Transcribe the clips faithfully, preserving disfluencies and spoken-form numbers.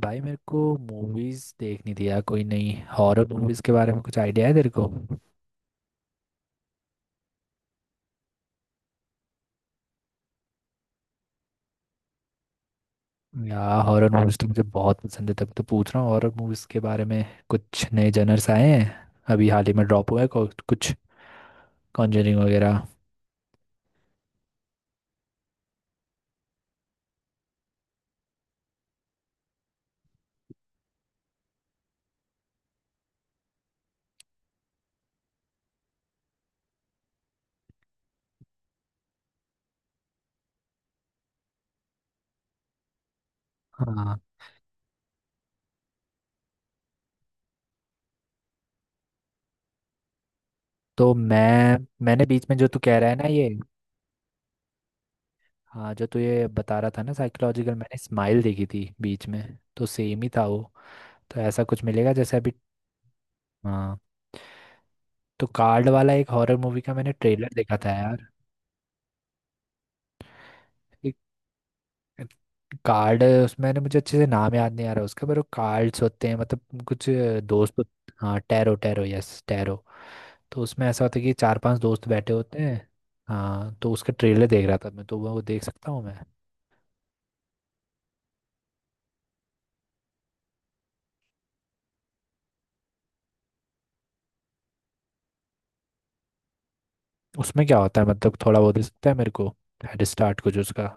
भाई मेरे को मूवीज देखनी थी यार कोई नई हॉरर मूवीज के बारे में कुछ आइडिया है तेरे को। यार हॉरर मूवीज तो मुझे बहुत पसंद है, तभी तो पूछ रहा हूँ हॉरर मूवीज के बारे में। कुछ नए जनर्स आए हैं, अभी हाल ही में ड्रॉप हुआ है को- कुछ कॉन्जरिंग वगैरह। हाँ, तो मैं मैंने बीच में जो तू कह रहा है ना ये। हाँ, जो तू ये बता रहा था ना साइकोलॉजिकल, मैंने स्माइल देखी थी बीच में, तो सेम ही था वो। तो ऐसा कुछ मिलेगा जैसे अभी। हाँ, तो कार्ड वाला एक हॉरर मूवी का मैंने ट्रेलर देखा था यार। एक कार्ड, उसमें ना मुझे अच्छे से नाम याद नहीं आ रहा उसका, पर वो कार्ड्स होते हैं मतलब कुछ दोस्त होत- हाँ टैरो, टैरो, यस टैरो। तो उसमें ऐसा होता है कि चार पांच दोस्त बैठे होते हैं। हाँ, तो उसका ट्रेलर देख रहा था मैं, तो वो देख सकता हूँ मैं। उसमें क्या होता है मतलब थोड़ा बहुत दे सकता है मेरे को, हेड स्टार्ट कुछ उसका।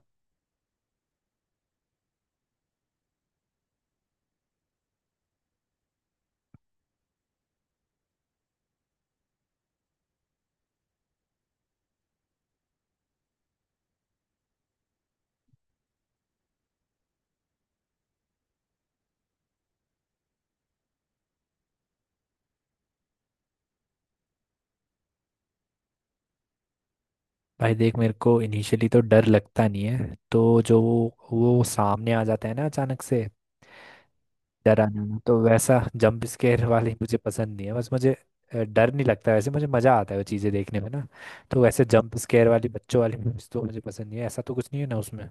भाई देख, मेरे को इनिशियली तो डर लगता नहीं है, तो जो वो वो सामने आ जाता है ना अचानक से डराना, ना तो वैसा जंप स्केयर वाली मुझे पसंद नहीं है, बस मुझे अ, डर नहीं लगता वैसे, मुझे मज़ा आता है वो चीज़ें देखने में ना। तो वैसे जंप स्केयर वाली बच्चों वाली मूवीज तो मुझे पसंद नहीं है, ऐसा तो कुछ नहीं है ना उसमें।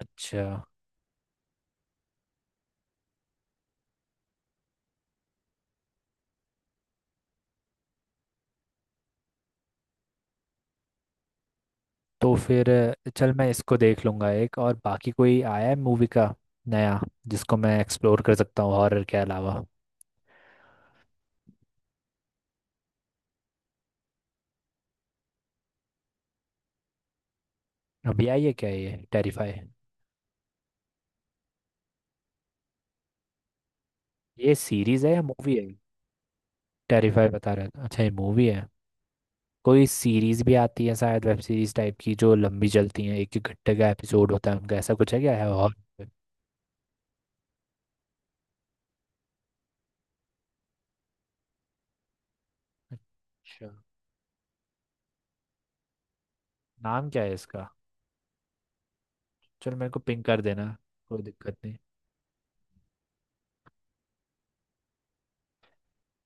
अच्छा। तो फिर अ, चल, मैं इसको देख लूँगा। एक और बाकी कोई आया है मूवी का नया जिसको मैं एक्सप्लोर कर सकता हूँ हॉरर के अलावा? अभी आई है क्या ये टेरिफाई? ये सीरीज है या मूवी है? टेरिफाई बता रहा था, अच्छा ये मूवी है। कोई सीरीज भी आती है शायद, वेब सीरीज टाइप की जो लंबी चलती है, एक एक घंटे का एपिसोड होता है उनका, ऐसा कुछ है क्या है और? अच्छा। नाम क्या है इसका? चलो, मेरे को पिंक कर देना। कोई दिक्कत नहीं।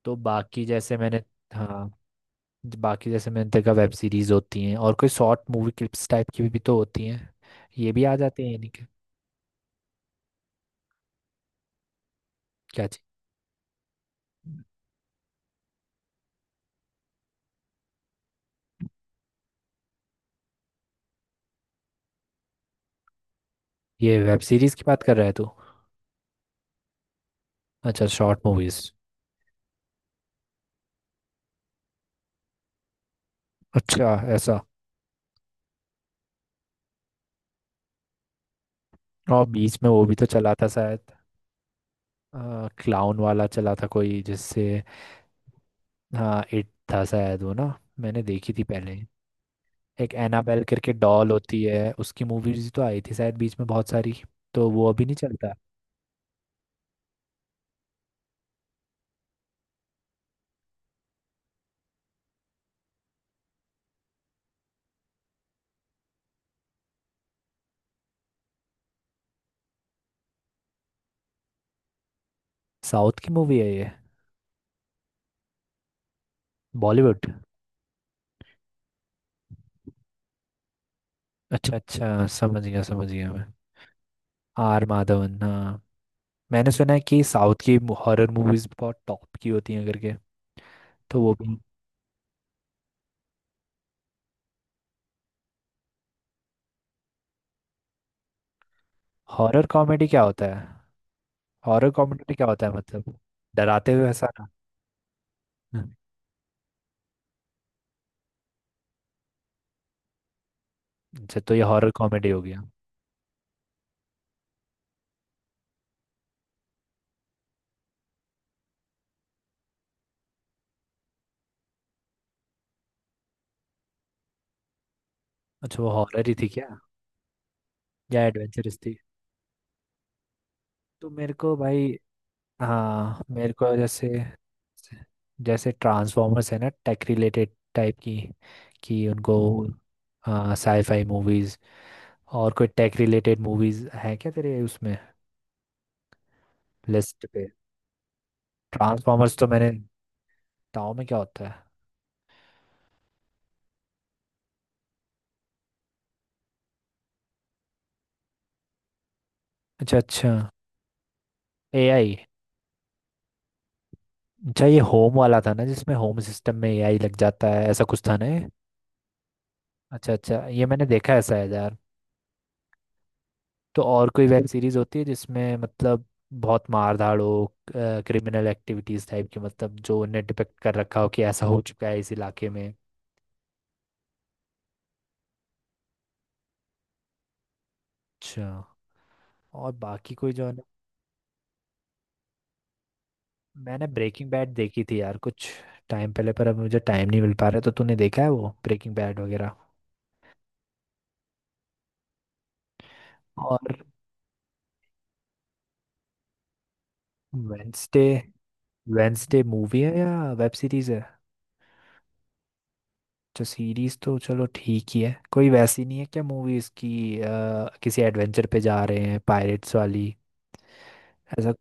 तो बाकी जैसे मैंने, हाँ ज- बाकी जैसे मैंने देखा, वेब सीरीज होती हैं और कोई शॉर्ट मूवी क्लिप्स टाइप की भी तो होती हैं, ये भी आ जाते हैं यानी कि? क्या चीज? ये वेब सीरीज की बात कर रहा है तू? अच्छा, शॉर्ट मूवीज। अच्छा ऐसा। और बीच में वो भी तो चला था शायद, क्लाउन वाला चला था कोई जिससे। हाँ, इट था शायद वो ना, मैंने देखी थी पहले। एक एनाबेल करके डॉल होती है, उसकी मूवीज तो आई थी शायद बीच में बहुत सारी, तो वो अभी नहीं चलता? साउथ की मूवी है ये? बॉलीवुड। अच्छा अच्छा, समझ गया समझ गया मैं। आर माधवन, हाँ। मैंने सुना है कि साउथ की हॉरर मूवीज बहुत टॉप की होती हैं करके, तो वो भी। हॉरर कॉमेडी क्या होता है? हॉरर कॉमेडी क्या होता है मतलब? डराते हुए ऐसा ना? हम्म, अच्छा तो ये हॉरर कॉमेडी हो गया। अच्छा वो हॉरर ही थी क्या? या एडवेंचरस थी? तो मेरे को भाई, हाँ मेरे को जैसे, जैसे ट्रांसफॉर्मर्स है ना, टेक रिलेटेड टाइप की, कि उनको साईफाई मूवीज। और कोई टेक रिलेटेड मूवीज है क्या तेरे उसमें लिस्ट पे? ट्रांसफॉर्मर्स तो मैंने, बताओ में क्या होता है? अच्छा अच्छा। एआई। अच्छा ये होम वाला था ना जिसमें होम सिस्टम में एआई लग जाता है, ऐसा कुछ था ना ये? अच्छा अच्छा, ये मैंने देखा है शायद यार। तो और कोई वेब सीरीज होती है जिसमें मतलब बहुत मार धाड़ हो, क्रिमिनल एक्टिविटीज टाइप की, मतलब जो उन्होंने डिपेक्ट कर रखा हो कि ऐसा हो चुका है इस इलाके में? अच्छा। और बाकी कोई जो है ना, मैंने ब्रेकिंग बैड देखी थी यार कुछ टाइम पहले, पर अब मुझे टाइम नहीं मिल पा रहा। तो तूने देखा है वो ब्रेकिंग बैड वगैरह? और वेंसडे, वेंसडे मूवी है या वेब सीरीज है? जो सीरीज तो चलो ठीक ही है, कोई वैसी नहीं है क्या मूवीज की अ, किसी एडवेंचर पे जा रहे हैं पायरेट्स वाली, ऐसा?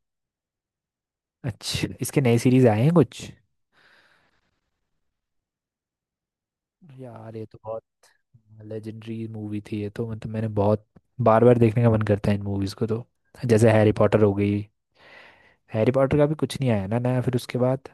अच्छा इसके नए सीरीज आए हैं कुछ? यार ये तो बहुत लेजेंडरी मूवी थी ये तो, मतलब मैंने बहुत बार बार देखने का मन करता है इन मूवीज को तो। जैसे हैरी पॉटर हो गई, हैरी पॉटर का भी कुछ नहीं आया ना नया फिर उसके बाद?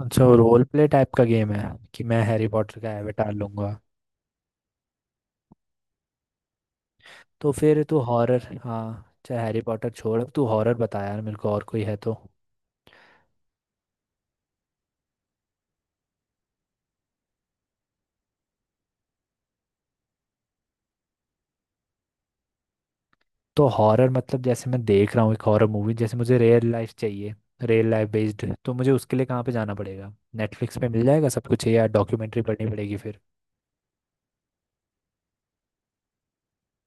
अच्छा, रोल प्ले टाइप का गेम है कि मैं हैरी पॉटर का एवेटार लूंगा? तो फिर तू हॉरर, हाँ चाहे हैरी पॉटर छोड़, अब तू हॉरर बता यार मेरे को, और कोई है तो। तो हॉरर मतलब जैसे मैं देख रहा हूँ एक हॉरर मूवी, जैसे मुझे रियल लाइफ चाहिए। रियल लाइफ बेस्ड तो मुझे उसके लिए कहाँ पे जाना पड़ेगा? नेटफ्लिक्स पे मिल जाएगा सब कुछ या डॉक्यूमेंट्री पढ़नी पड़ेगी फिर?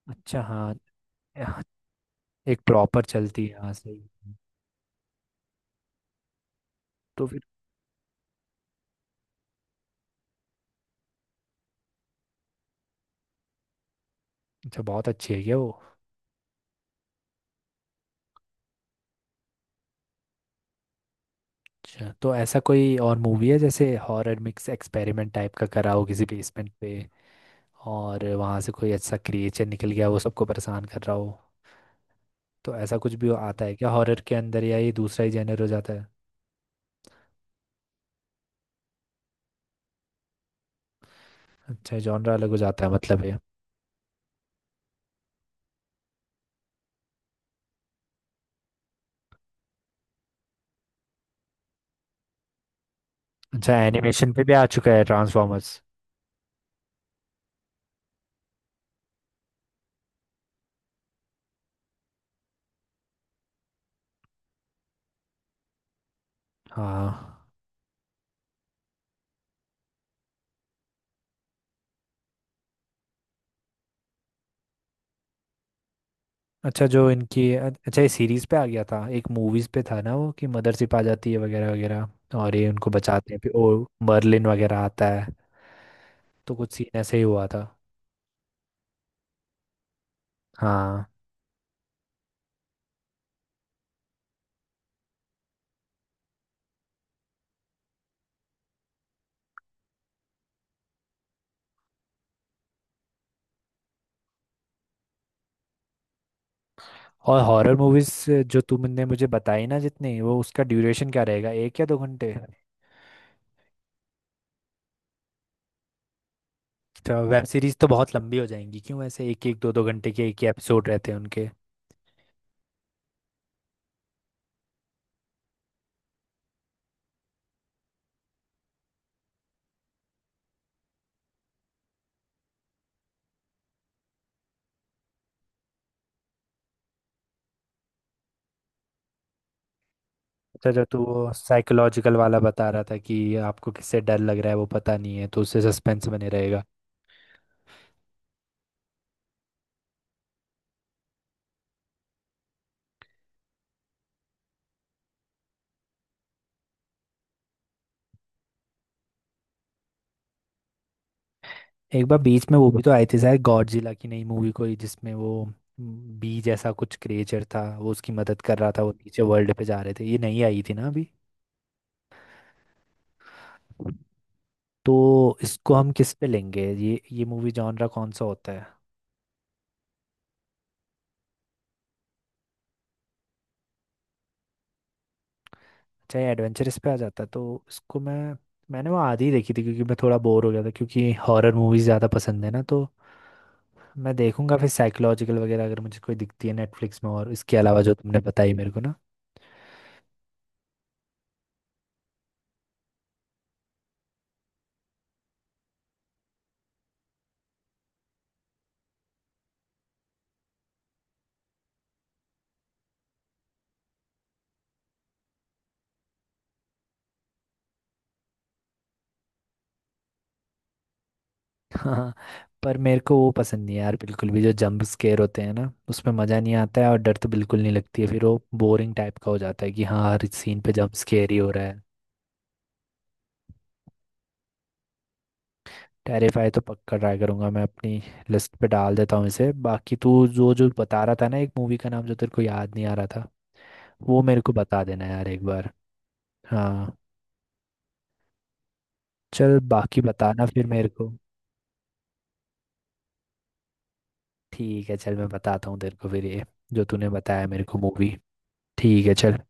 अच्छा हाँ। यहाँ एक प्रॉपर चलती है, हाँ सही है। तो फिर अच्छा, बहुत अच्छी है क्या वो? अच्छा, तो ऐसा कोई और मूवी है जैसे हॉरर मिक्स एक्सपेरिमेंट टाइप का करा हो किसी बेसमेंट पे, और वहाँ से कोई अच्छा क्रिएचर निकल गया वो सबको परेशान कर रहा हो? तो ऐसा कुछ भी आता है क्या हॉरर के अंदर, या ये दूसरा ही जेनर हो जाता है? अच्छा जॉनर अलग हो जाता है मतलब है। अच्छा एनिमेशन पे भी आ चुका है ट्रांसफॉर्मर्स? हाँ। अच्छा जो इनकी, अच्छा ये सीरीज पे आ गया था, एक मूवीज पे था ना वो कि मदरशिप आ जाती है वगैरह वगैरह, और ये उनको बचाते हैं फिर, ओ मर्लिन वगैरह आता है, तो कुछ सीन ऐसे ही हुआ था। हाँ। और हॉरर मूवीज जो तुमने मुझे बताई ना जितनी वो, उसका ड्यूरेशन क्या रहेगा, एक या दो घंटे? तो वेब सीरीज तो बहुत लंबी हो जाएंगी क्यों, ऐसे एक एक दो दो घंटे के एक ही एपिसोड रहते हैं उनके? अच्छा जो तू वो साइकोलॉजिकल वाला बता रहा था कि आपको किससे डर लग रहा है वो पता नहीं है, तो उससे सस्पेंस बने रहेगा। एक बार बीच में वो भी तो आई थी शायद, गॉडजिला की नई मूवी कोई जिसमें वो हम्म, बी जैसा कुछ क्रिएचर था, वो उसकी मदद कर रहा था, वो नीचे वर्ल्ड पे जा रहे थे, ये नहीं आई थी ना अभी? तो इसको हम किस पे लेंगे ये ये मूवी जॉनरा कौन सा होता है? चाहे एडवेंचरस पे आ जाता तो उसको मैं, मैंने वो आधी देखी थी क्योंकि मैं थोड़ा बोर हो गया था, क्योंकि हॉरर मूवीज ज़्यादा पसंद है ना, तो मैं देखूंगा फिर साइकोलॉजिकल वगैरह अगर मुझे कोई दिखती है नेटफ्लिक्स में, और इसके अलावा जो तुमने बताई मेरे को ना। हाँ। पर मेरे को वो पसंद नहीं है यार बिल्कुल भी, जो जंप स्केयर होते हैं ना उसमें मज़ा नहीं आता है, और डर तो बिल्कुल नहीं लगती है, फिर वो बोरिंग टाइप का हो जाता है कि हाँ, हर सीन पे जंप स्केयर ही हो रहा है। टेरिफाई तो पक्का ट्राई करूंगा मैं, अपनी लिस्ट पे डाल देता हूँ इसे। बाकी तू जो जो बता रहा था ना, एक मूवी का नाम जो तेरे को याद नहीं आ रहा था, वो मेरे को बता देना यार एक बार। हाँ, चल बाकी बताना फिर मेरे को। ठीक है चल, मैं बताता हूँ तेरे को फिर ये जो तूने बताया मेरे को मूवी। ठीक है चल।